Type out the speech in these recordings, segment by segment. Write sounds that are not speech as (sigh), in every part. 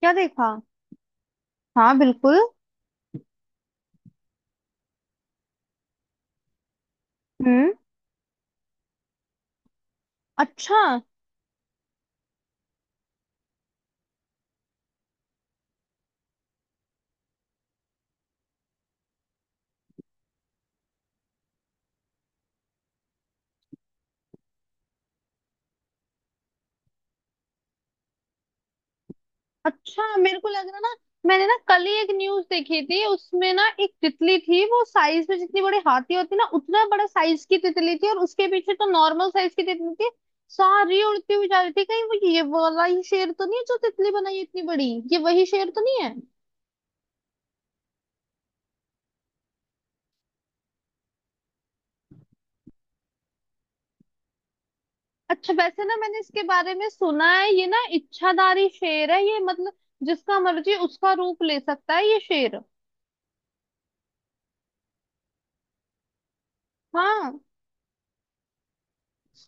क्या देखा। हाँ बिल्कुल। हम्म। अच्छा। अच्छा, मेरे को लग रहा ना, मैंने ना कल ही एक न्यूज देखी थी, उसमें ना एक तितली थी। वो साइज में जितनी बड़ी हाथी होती ना, उतना बड़ा साइज की तितली थी, और उसके पीछे तो नॉर्मल साइज की तितली थी। सारी उड़ती हुई जा रही थी। कहीं वो ये वाला ही शेर तो नहीं है जो तितली बनाई है इतनी बड़ी। ये वही शेर तो नहीं है। अच्छा वैसे ना, मैंने इसके बारे में सुना है, ये ना इच्छाधारी शेर है ये, मतलब जिसका मर्जी उसका रूप ले सकता है ये शेर। हाँ,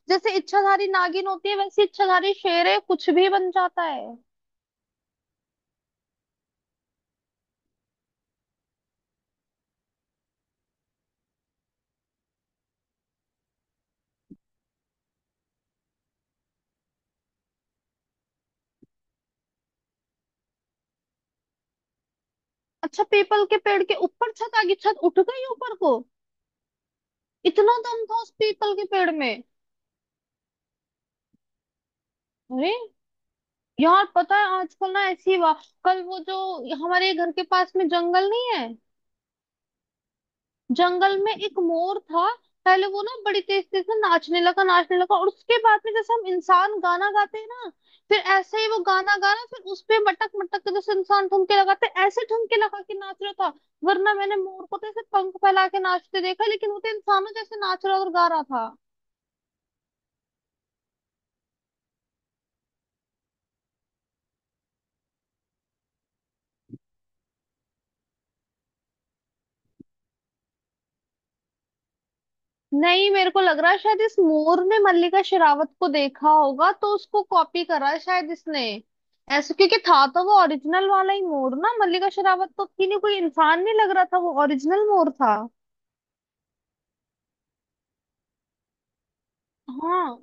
जैसे इच्छाधारी नागिन होती है, वैसे इच्छाधारी शेर है, कुछ भी बन जाता है। अच्छा, पीपल के पेड़ के ऊपर छत आ गई, छत उठ गई ऊपर को। इतना दम था उस पीपल के पेड़ में। अरे यार पता है, आजकल ना ऐसी वा, कल वो जो हमारे घर के पास में जंगल नहीं है, जंगल में एक मोर था। पहले वो ना बड़ी तेज तेज से नाचने लगा नाचने लगा, और उसके बाद में जैसे हम इंसान गाना गाते हैं ना, फिर ऐसे ही वो गाना गाना, फिर उस पे मटक मटक के जैसे इंसान ठुमके लगाते हैं, ऐसे ठुमके लगा के नाच रहा था। वरना मैंने मोर को तो ऐसे पंख फैला के नाचते देखा, लेकिन वो तो इंसानों जैसे नाच रहा और गा रहा था। नहीं, मेरे को लग रहा है शायद इस मोर ने मल्लिका शेरावत को देखा होगा, तो उसको कॉपी करा है शायद इसने ऐसे। क्योंकि था तो वो ओरिजिनल वाला ही मोर ना, मल्लिका शेरावत तो की नहीं, कोई इंसान नहीं लग रहा था, वो ओरिजिनल मोर था। हाँ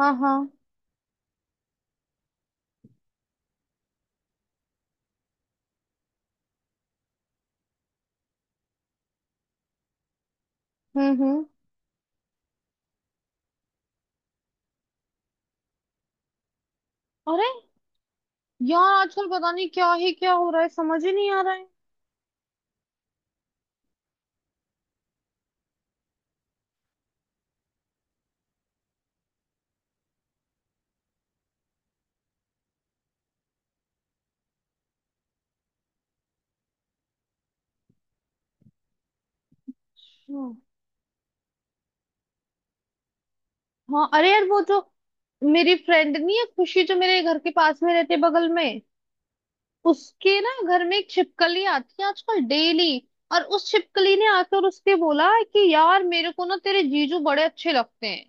हाँ हाँ हम्म। हम्म। अरे यार आजकल पता नहीं क्या ही क्या हो रहा है, समझ ही नहीं आ रहा है। हम्म, हाँ अरे यार, वो जो मेरी फ्रेंड नहीं है खुशी, जो मेरे घर के पास में रहते बगल में, उसके ना घर में एक छिपकली आती है आजकल डेली। और उस छिपकली ने आकर उसके बोला कि यार, मेरे को ना तेरे जीजू बड़े अच्छे लगते हैं,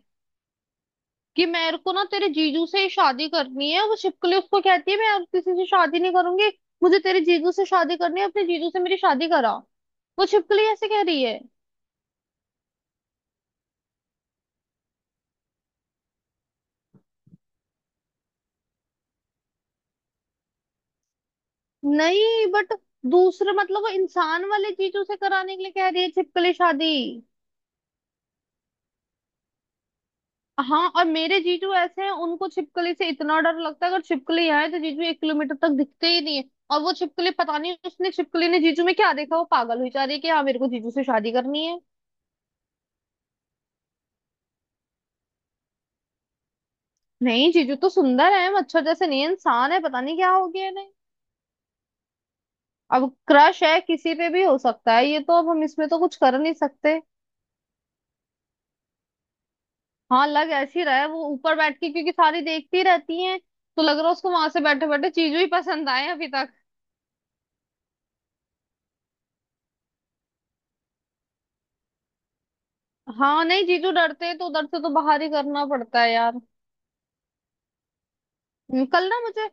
कि मेरे को ना तेरे जीजू से ही शादी करनी है। वो छिपकली उसको कहती है, मैं और किसी से शादी नहीं करूंगी, मुझे तेरे जीजू से शादी करनी है, अपने जीजू से मेरी शादी करा। वो छिपकली ऐसे कह रही है। नहीं बट, दूसरे मतलब वो इंसान वाले जीजू से कराने के लिए कह रही है छिपकली शादी। हाँ, और मेरे जीजू ऐसे हैं, उनको छिपकली से इतना डर लगता है, अगर छिपकली आए तो जीजू एक किलोमीटर तक दिखते ही नहीं है। और वो छिपकली पता नहीं, उसने छिपकली ने जीजू में क्या देखा, वो पागल हुई जा रही है कि हाँ मेरे को जीजू से शादी करनी है। नहीं, जीजू तो सुंदर है, मच्छर जैसे नहीं है, इंसान है, पता नहीं क्या हो गया है नहीं। अब क्रश है, किसी पे भी हो सकता है ये, तो अब हम इसमें तो कुछ कर नहीं सकते। हाँ, लग ऐसी रहा है वो ऊपर बैठ के क्योंकि सारी देखती रहती है, तो लग रहा है उसको वहां से बैठे बैठे जीजू ही पसंद आए हैं अभी तक। हाँ नहीं, जीजू डरते हैं तो उधर से तो बाहर ही करना पड़ता है यार। कल ना मुझे,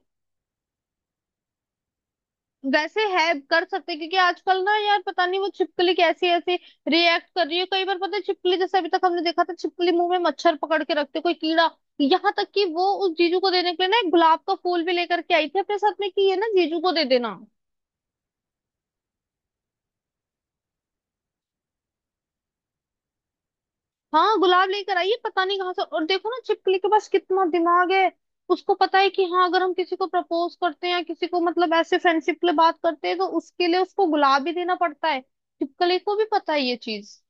वैसे है कर सकते हैं, क्योंकि आजकल ना यार पता नहीं वो छिपकली कैसी ऐसी रिएक्ट कर रही है। कई बार पता है, छिपकली जैसे अभी तक हमने देखा था, छिपकली मुंह में मच्छर पकड़ के रखते, कोई कीड़ा। यहाँ तक कि वो उस जीजू को देने के लिए ना एक गुलाब का फूल भी लेकर के आई थी अपने साथ में, कि ये ना जीजू को दे देना। हाँ, गुलाब लेकर आई है पता नहीं कहाँ से। और देखो ना, छिपकली के पास कितना दिमाग है। उसको पता है कि हाँ, अगर हम किसी को प्रपोज करते हैं या किसी को मतलब ऐसे फ्रेंडशिप के लिए बात करते हैं, तो उसके लिए उसको गुलाब भी देना पड़ता है। छिपकली को भी पता है ये चीज।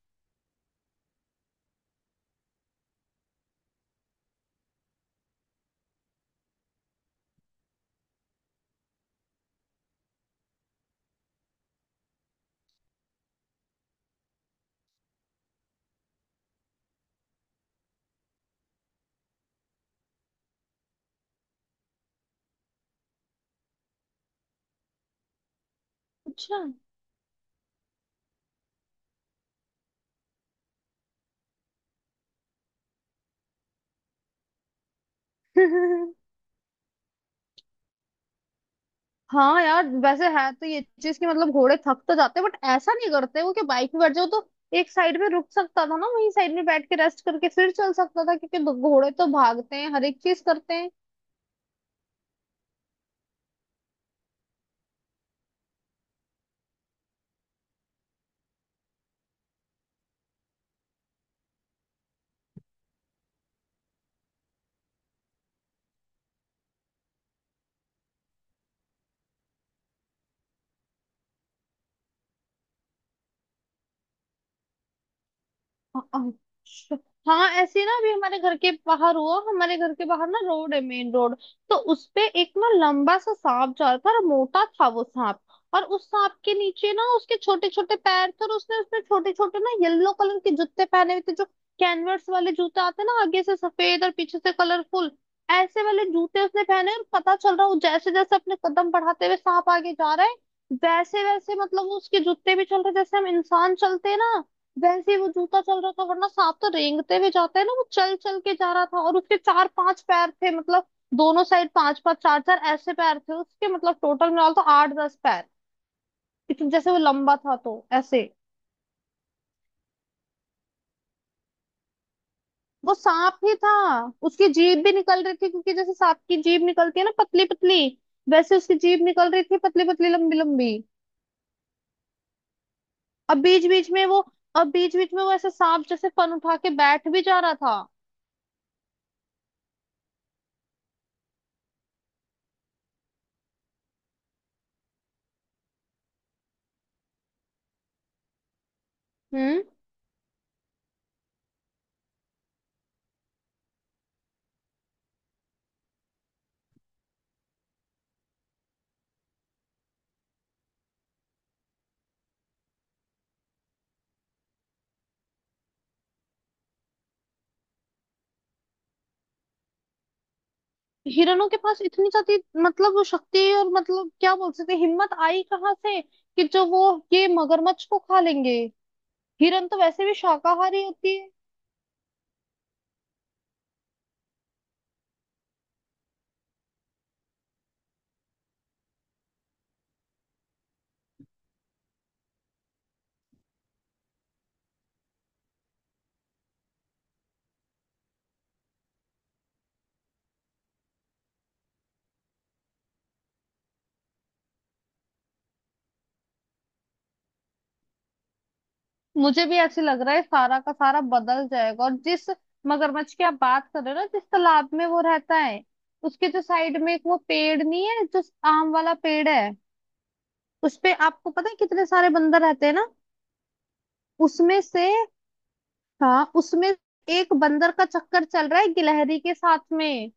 अच्छा। (laughs) हाँ यार, वैसे है तो ये चीज की मतलब, घोड़े थक तो जाते हैं बट ऐसा नहीं करते वो कि बाइक में बैठ जाओ तो। एक साइड में रुक सकता था ना, वहीं साइड में बैठ के रेस्ट करके फिर चल सकता था, क्योंकि घोड़े तो भागते हैं हर एक चीज करते हैं। अच्छा। हाँ ऐसे ही ना, अभी हमारे घर के बाहर हुआ। हमारे घर के बाहर ना रोड है, मेन रोड, तो उस पे एक ना लंबा सा सांप जा रहा था, और मोटा था वो सांप। और उस सांप के नीचे ना उसके छोटे छोटे पैर थे, और उसने उसमें छोटे छोटे ना येलो कलर के जूते पहने हुए थे, जो कैनवस वाले जूते आते हैं ना, आगे से सफेद और पीछे से कलरफुल, ऐसे वाले जूते उसने पहने। और पता चल रहा, वो जैसे जैसे अपने कदम बढ़ाते हुए सांप आगे जा रहा है, वैसे वैसे मतलब वो उसके जूते भी चल रहे, जैसे हम इंसान चलते हैं ना, वैसे ही वो जूता चल रहा था। वरना सांप तो रेंगते हुए जाता है ना, वो चल चल के जा रहा था। और उसके चार पांच पैर थे, मतलब दोनों साइड पांच पांच चार चार ऐसे पैर थे उसके, मतलब टोटल मिला तो आठ दस पैर। इतने जैसे वो लंबा था तो ऐसे। वो सांप ही था, उसकी जीभ भी निकल रही थी, क्योंकि जैसे सांप की जीभ निकलती है ना पतली पतली, वैसे उसकी जीभ निकल रही थी पतली पतली लंबी लंबी। अब बीच बीच में वो अब बीच बीच में वो ऐसे सांप जैसे फन उठा के बैठ भी जा रहा था। हम्म। हिरणों के पास इतनी ज्यादा, मतलब वो शक्ति और मतलब क्या बोल सकते हैं, हिम्मत आई कहाँ से कि जो वो ये मगरमच्छ को खा लेंगे। हिरन तो वैसे भी शाकाहारी होती है। मुझे भी ऐसे लग रहा है सारा का सारा बदल जाएगा। और जिस मगरमच्छ की आप बात कर रहे हो ना, जिस तालाब में वो रहता है, उसके जो साइड में एक वो पेड़ नहीं है जो आम वाला पेड़ है, उस पे आपको पता है कितने सारे बंदर रहते हैं ना। उसमें से, हाँ उसमें एक बंदर का चक्कर चल रहा है गिलहरी के साथ में।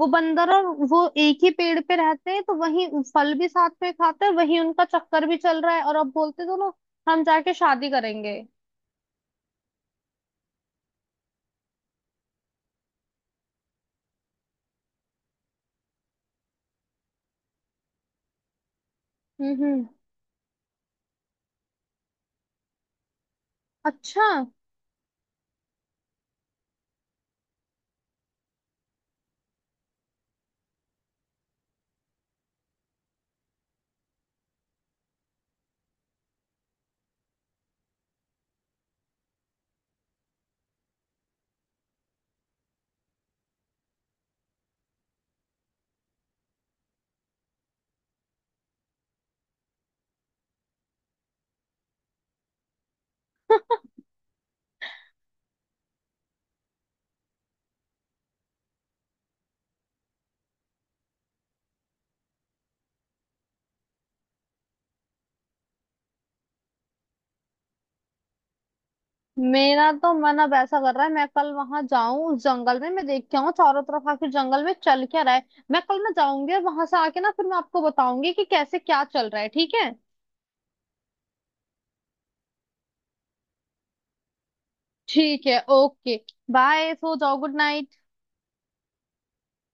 वो बंदर और वो एक ही पेड़ पे रहते हैं, तो वही फल भी साथ में खाते हैं, वही उनका चक्कर भी चल रहा है। और अब बोलते हैं दोनों हम जाके शादी करेंगे। हम्म। अच्छा। मेरा तो मन अब ऐसा कर रहा है मैं कल वहां जाऊं, उस जंगल में मैं देख के आऊं चारों तरफ, आखिर जंगल में चल क्या रहा है। मैं कल ना जाऊंगी, और वहां से आके ना फिर मैं आपको बताऊंगी कि कैसे क्या चल रहा है, ठीक है। ठीक है, ओके। बाय, सो जाओ, गुड नाइट।